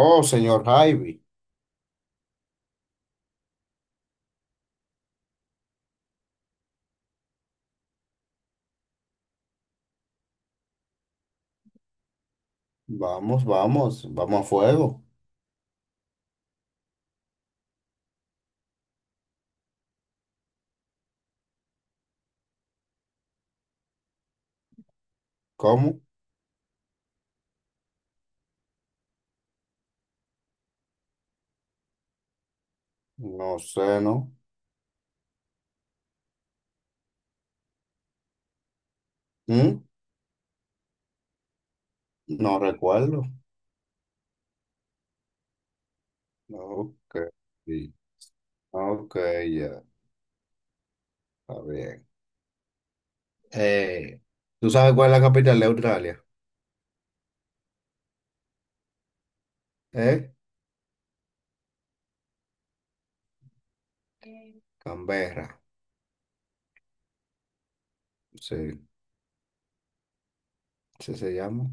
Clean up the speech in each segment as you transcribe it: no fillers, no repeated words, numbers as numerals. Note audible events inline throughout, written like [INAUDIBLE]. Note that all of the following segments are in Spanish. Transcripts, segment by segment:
Oh, señor Javi, vamos, vamos, vamos a fuego. ¿Cómo? No sé, ¿no? ¿Mm? No recuerdo. Ok, sí. Ok, ya, está bien. Eh, ¿Tú sabes cuál es la capital de Australia? ¿Eh? Canberra, sí, sí se llama.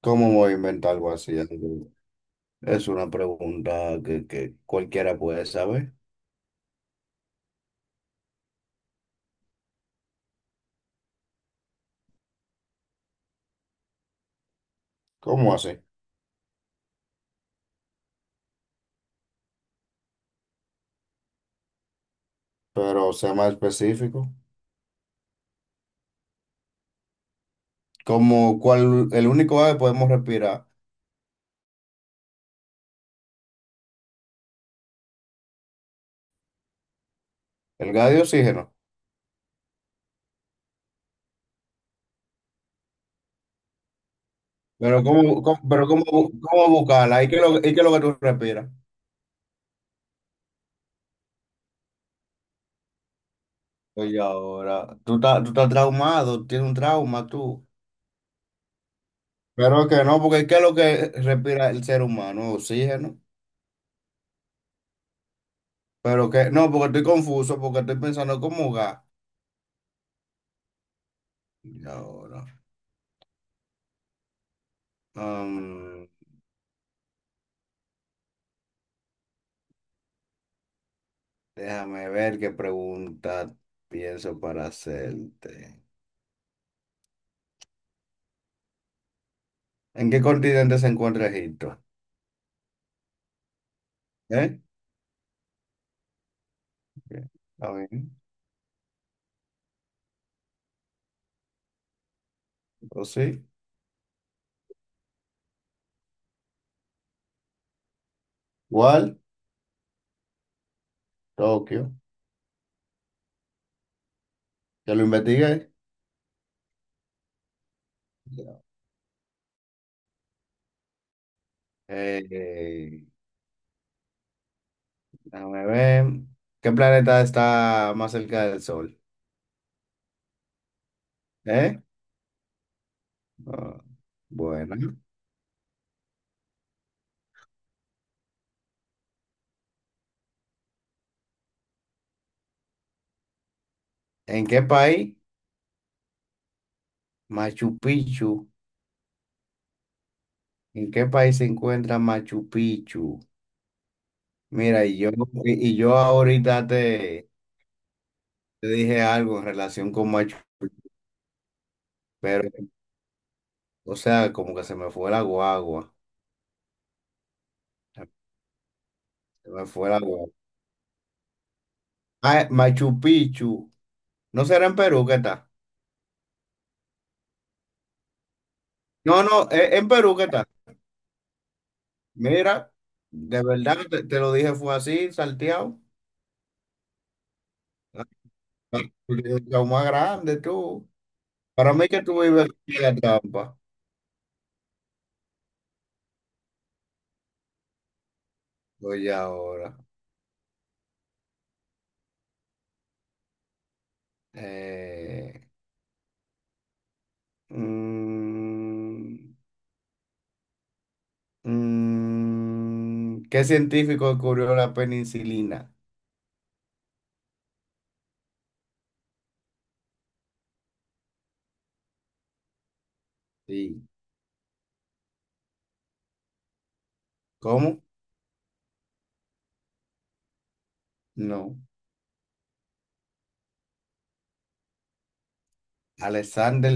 ¿Cómo voy a inventar algo así? Es una pregunta que cualquiera puede saber. ¿Cómo así? Pero sea más específico. Como cual el único gas que podemos respirar, el gas de oxígeno. Pero cómo buscarla, ¿ y qué es lo que tú respiras? Oye, ahora, tú estás traumado, tienes un trauma tú. Pero que no, porque ¿qué es lo que respira el ser humano? Oxígeno. Pero que, no, porque estoy confuso, porque estoy pensando cómo gas. Y ahora, am, déjame ver qué pregunta pienso para hacerte. ¿En qué continente se encuentra Egipto? ¿Eh? Está bien. O sí. Igual, Tokio. Ya lo investigué. Ya. Eh, déjame ver. ¿Qué planeta está más cerca del Sol? ¿Eh? Ah, bueno. ¿En qué país? Machu Picchu. ¿En qué país se encuentra Machu Picchu? Mira, y yo ahorita te dije algo en relación con Machu Picchu, pero, o sea, como que se me fue la guagua. Se me fue la guagua. Ah, Machu Picchu. ¿No será en Perú que está? No, no, en Perú, ¿qué tal? Mira, de verdad, te lo dije, fue así, salteado. Lo más grande, tú. Para mí que tú vives en la trampa. Oye, ahora. Eh, mm, ¿Qué científico descubrió la penicilina? Sí. ¿Cómo? No. Alexander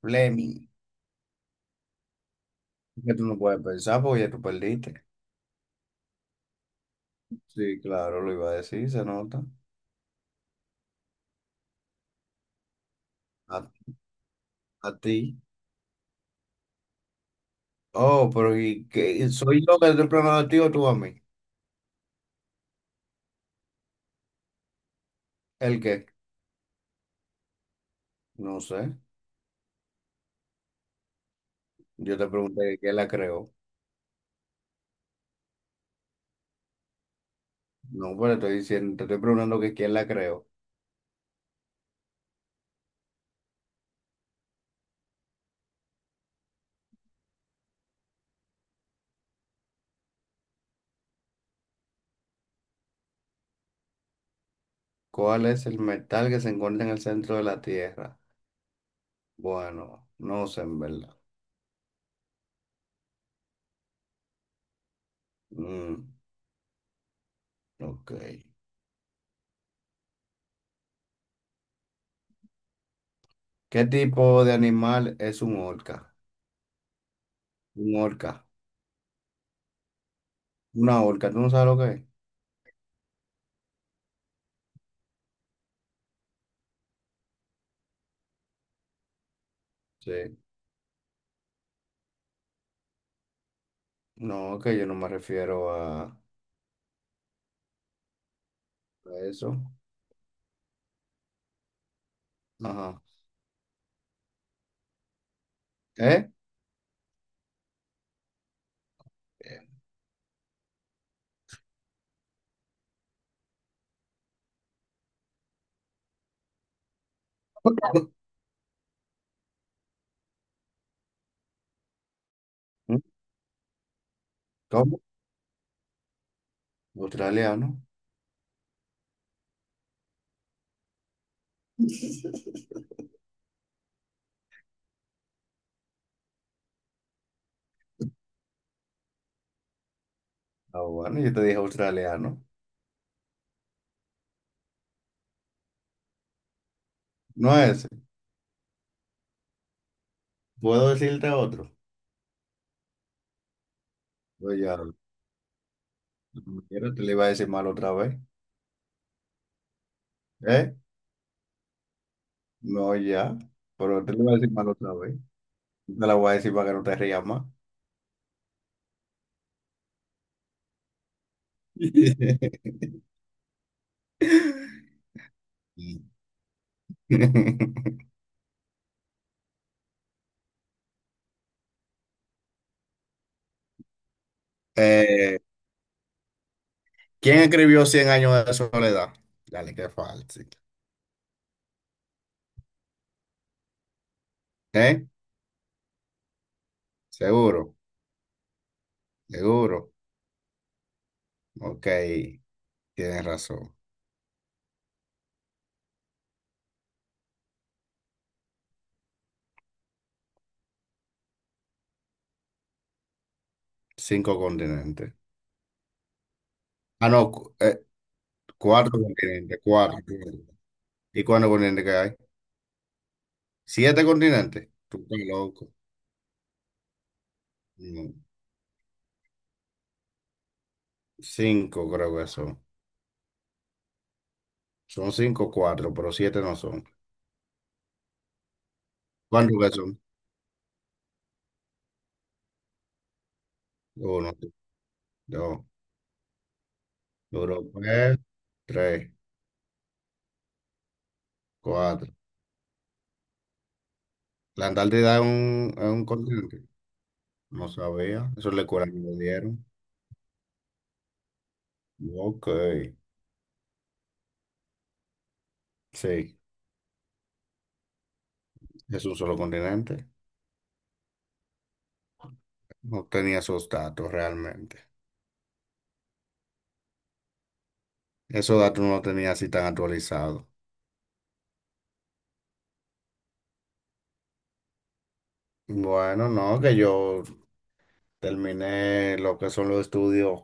Fleming. Que tú no puedes pensar porque ya tú perdiste. Sí, claro, lo iba a decir, se nota. A, a ti. Oh, pero ¿y qué? ¿Soy yo que te estoy preguntando a ti o tú a mí? ¿El qué? No sé. Yo te pregunté quién la creó. No, pero estoy diciendo, te estoy preguntando que quién la creó. ¿Cuál es el metal que se encuentra en el centro de la Tierra? Bueno, no sé en verdad. Mm, ok. ¿Qué tipo de animal es un orca? Un orca. Una orca, ¿tú no sabes lo que es? Sí. No, que yo no me refiero a eso. Ajá. ¿Eh? [LAUGHS] ¿Cómo? Australiano. Ah, bueno, yo te dije australiano. No ese. ¿Puedo decirte otro? No ya, como quiera, te le iba a decir mal otra vez. ¿Eh? No, ya. Pero te le iba a decir mal otra vez. No, te la voy a decir para que no te rías más. [LAUGHS] Eh, ¿quién escribió Cien años de soledad? Dale, qué fácil. ¿Eh? Seguro, seguro. Ok, tienes razón. Cinco continentes. Ah, no, cu- cuatro continentes, cuatro. ¿Y cuántos continentes que hay? ¿Siete continentes? Tú estás loco. No, cinco creo que son. Son cinco o cuatro, pero siete no son. ¿Cuántos que son? Uno, dos, Europa, es tres, cuatro. ¿La Antártida es un continente? No sabía. Eso le cura que me dieron. Ok. Sí, es un solo continente. No tenía esos datos realmente. Esos datos no los tenía así tan actualizados. Bueno, no, que yo terminé lo que son los estudios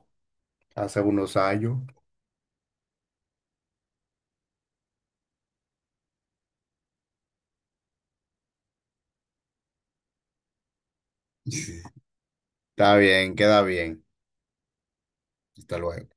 hace unos años. [LAUGHS] Está bien, queda bien. Hasta luego.